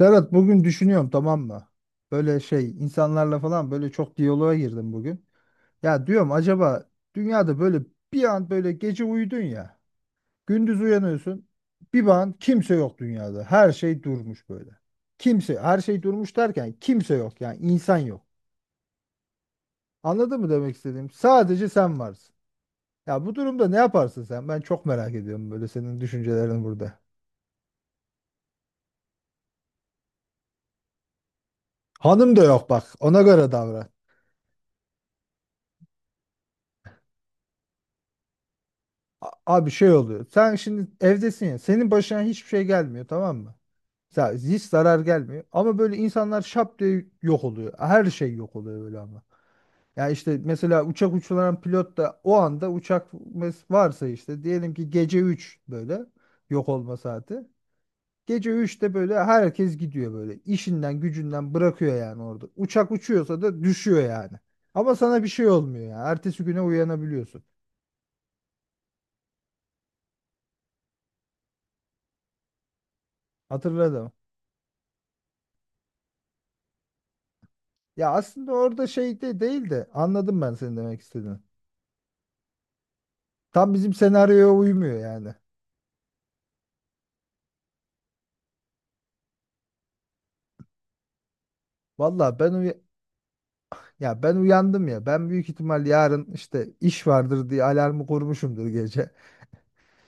Serhat, bugün düşünüyorum tamam mı? Böyle şey insanlarla falan böyle çok diyaloğa girdim bugün. Ya diyorum acaba dünyada böyle bir an böyle gece uyudun ya. Gündüz uyanıyorsun. Bir an kimse yok dünyada. Her şey durmuş böyle. Kimse her şey durmuş derken kimse yok yani insan yok. Anladın mı demek istediğim? Sadece sen varsın. Ya bu durumda ne yaparsın sen? Ben çok merak ediyorum böyle senin düşüncelerin burada. Hanım da yok bak, ona göre davran. Abi şey oluyor. Sen şimdi evdesin ya. Senin başına hiçbir şey gelmiyor tamam mı? Ya hiç zarar gelmiyor. Ama böyle insanlar şap diye yok oluyor. Her şey yok oluyor böyle ama. Ya işte mesela uçak uçuran pilot da o anda uçak varsa işte, diyelim ki gece 3 böyle yok olma saati. Gece üçte böyle herkes gidiyor böyle. İşinden gücünden bırakıyor yani orada. Uçak uçuyorsa da düşüyor yani. Ama sana bir şey olmuyor ya. Ertesi güne uyanabiliyorsun. Hatırladım. Ya aslında orada şey de değil de, anladım ben senin demek istediğini. Tam bizim senaryoya uymuyor yani. Valla ya ben uyandım ya. Ben büyük ihtimal yarın işte iş vardır diye alarmı kurmuşumdur gece.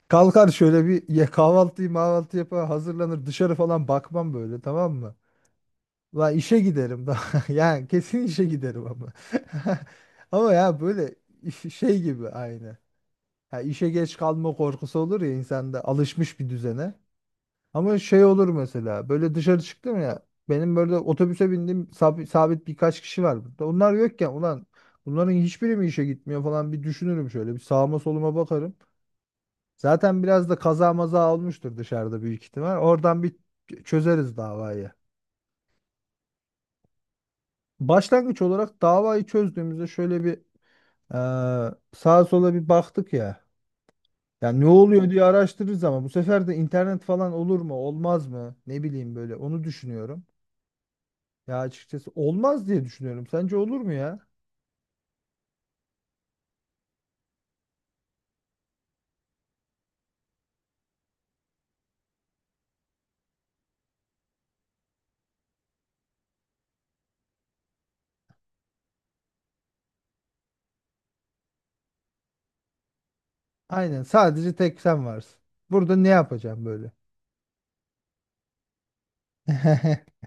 Kalkar şöyle bir ye, kahvaltıyı mahvaltı yapar, hazırlanır, dışarı falan bakmam böyle tamam mı? Lan işe giderim daha. Yani kesin işe giderim ama. Ama ya böyle şey gibi aynı. Ya işe geç kalma korkusu olur ya insanda, alışmış bir düzene. Ama şey olur mesela, böyle dışarı çıktım ya, benim böyle otobüse bindiğim sabit, birkaç kişi var burada. Onlar yokken, ulan bunların hiçbiri mi işe gitmiyor falan, bir düşünürüm, şöyle bir sağıma soluma bakarım. Zaten biraz da kaza maza olmuştur dışarıda büyük ihtimal. Oradan bir çözeriz davayı. Başlangıç olarak davayı çözdüğümüzde, şöyle bir sağa sola bir baktık ya. Yani ne oluyor diye araştırırız ama bu sefer de internet falan olur mu olmaz mı, ne bileyim, böyle onu düşünüyorum. Ya açıkçası olmaz diye düşünüyorum. Sence olur mu ya? Aynen, sadece tek sen varsın. Burada ne yapacağım böyle?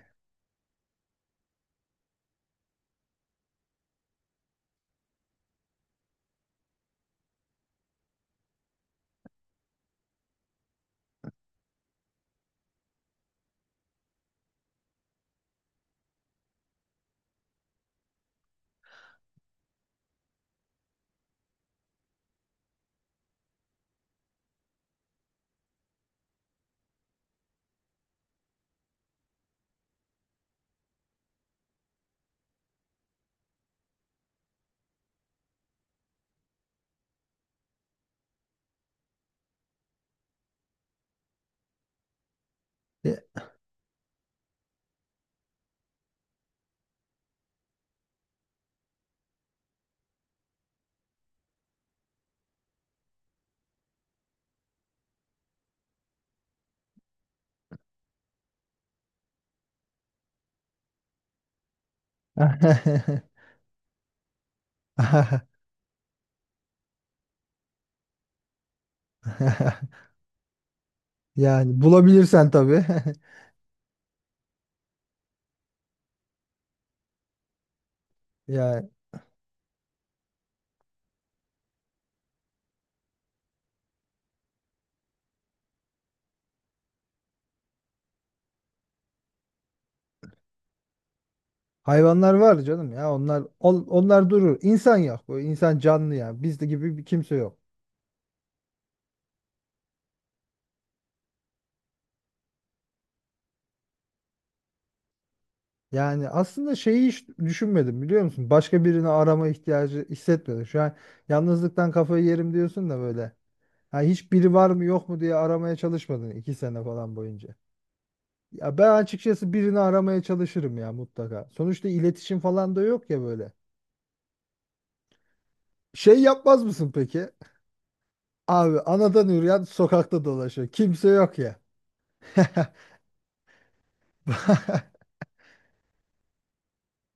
Ya- Yani bulabilirsen tabii. Yani hayvanlar var canım ya, onlar onlar durur. İnsan yok. Bu insan canlı ya. Bizde gibi bir kimse yok. Yani aslında şeyi hiç düşünmedim, biliyor musun? Başka birini arama ihtiyacı hissetmedim. Şu an yalnızlıktan kafayı yerim diyorsun da böyle. Ha, hiç biri var mı yok mu diye aramaya çalışmadın 2 sene falan boyunca. Ya ben açıkçası birini aramaya çalışırım ya mutlaka. Sonuçta iletişim falan da yok ya böyle. Şey yapmaz mısın peki? Abi anadan yürüyen sokakta dolaşıyor. Kimse yok ya.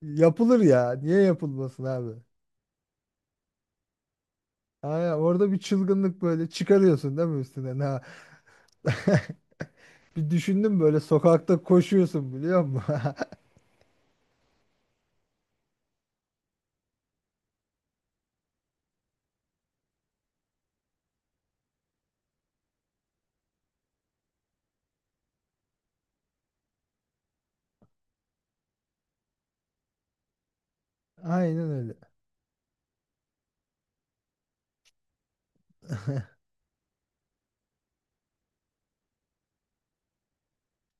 Yapılır ya. Niye yapılmasın abi? Aynen, orada bir çılgınlık böyle çıkarıyorsun değil mi üstüne? Ha. Bir düşündüm, böyle sokakta koşuyorsun biliyor musun? Aynen öyle.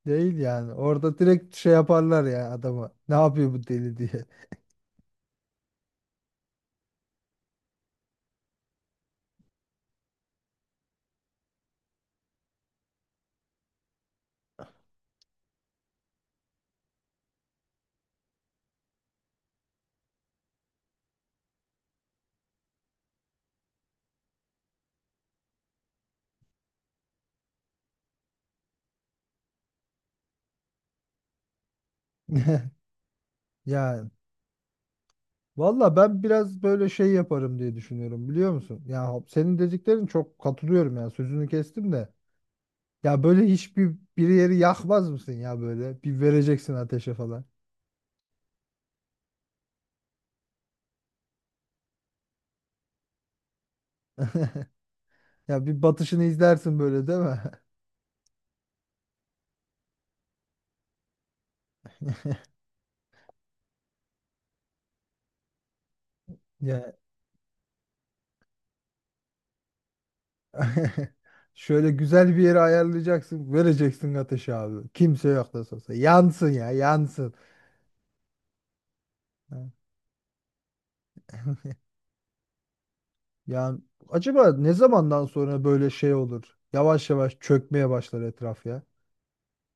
Değil yani. Orada direkt şey yaparlar ya adama. Ne yapıyor bu deli diye. Yani valla ben biraz böyle şey yaparım diye düşünüyorum, biliyor musun? Ya senin dediklerin, çok katılıyorum ya, sözünü kestim de. Ya böyle hiçbir bir yeri yakmaz mısın ya böyle? Bir vereceksin ateşe falan. Ya bir batışını izlersin böyle değil mi? Ya şöyle güzel bir yere ayarlayacaksın, vereceksin ateşe abi. Kimse yok nasıl olsa. Yansın ya yansın. Yani acaba ne zamandan sonra böyle şey olur? Yavaş yavaş çökmeye başlar etraf ya.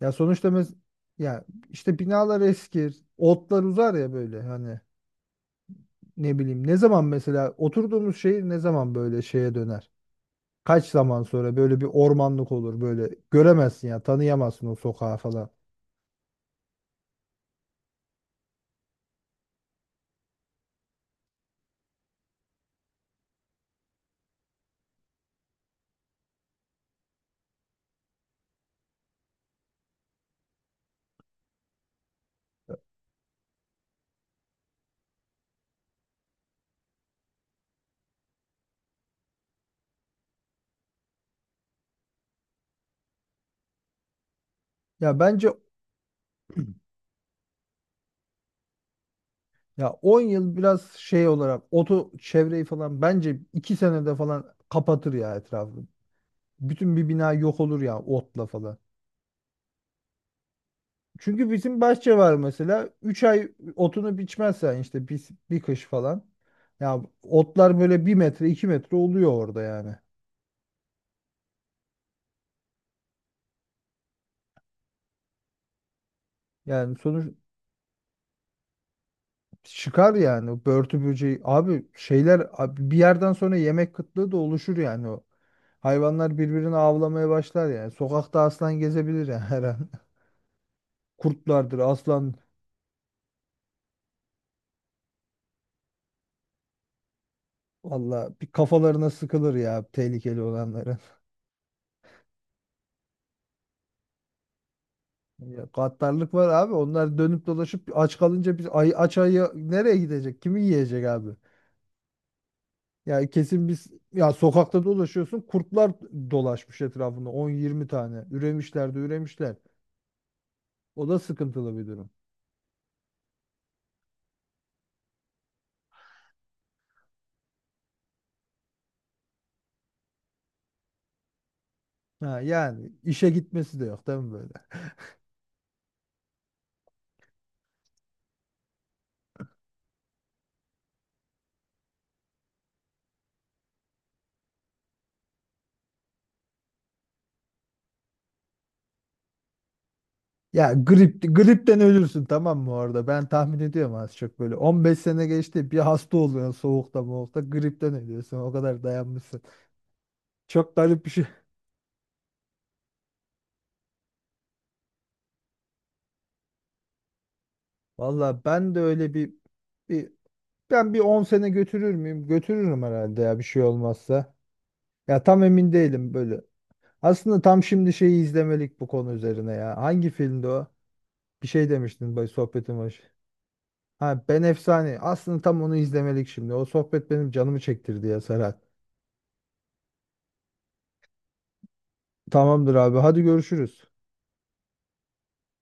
Ya sonuçta ya işte binalar eskir, otlar uzar ya böyle, hani ne bileyim, ne zaman mesela oturduğumuz şehir ne zaman böyle şeye döner? Kaç zaman sonra böyle bir ormanlık olur, böyle göremezsin ya, tanıyamazsın o sokağı falan. Ya bence ya 10 yıl biraz şey olarak, oto çevreyi falan bence 2 senede falan kapatır ya etrafı. Bütün bir bina yok olur ya otla falan. Çünkü bizim bahçe var mesela. 3 ay otunu biçmezsen, işte bir kış falan. Ya otlar böyle 1 metre 2 metre oluyor orada yani. Yani sonuç çıkar yani, börtü böceği. Abi şeyler abi, bir yerden sonra yemek kıtlığı da oluşur yani o. Hayvanlar birbirini avlamaya başlar yani. Sokakta aslan gezebilir yani her an. Kurtlardır aslan. Valla bir kafalarına sıkılır ya tehlikeli olanların. Ya gaddarlık var abi. Onlar dönüp dolaşıp aç kalınca, biz ay, aç ayı nereye gidecek? Kimi yiyecek abi? Ya kesin biz, ya sokakta dolaşıyorsun, kurtlar dolaşmış etrafında 10-20 tane. Üremişler de üremişler. O da sıkıntılı bir durum. Ha, yani işe gitmesi de yok değil mi böyle? Ya grip, gripten ölürsün tamam mı orada? Ben tahmin ediyorum az çok böyle. 15 sene geçti, bir hasta oluyorsun soğukta moğukta, gripten ölüyorsun. O kadar dayanmışsın. Çok garip bir şey. Valla ben de öyle bir, ben bir 10 sene götürür müyüm? Götürürüm herhalde ya, bir şey olmazsa. Ya tam emin değilim böyle. Aslında tam şimdi şeyi izlemelik bu konu üzerine ya. Hangi filmdi o? Bir şey demiştin böyle sohbetin başı. Ha, Ben Efsane. Aslında tam onu izlemelik şimdi. O sohbet benim canımı çektirdi ya Serhat. Tamamdır abi, hadi görüşürüz.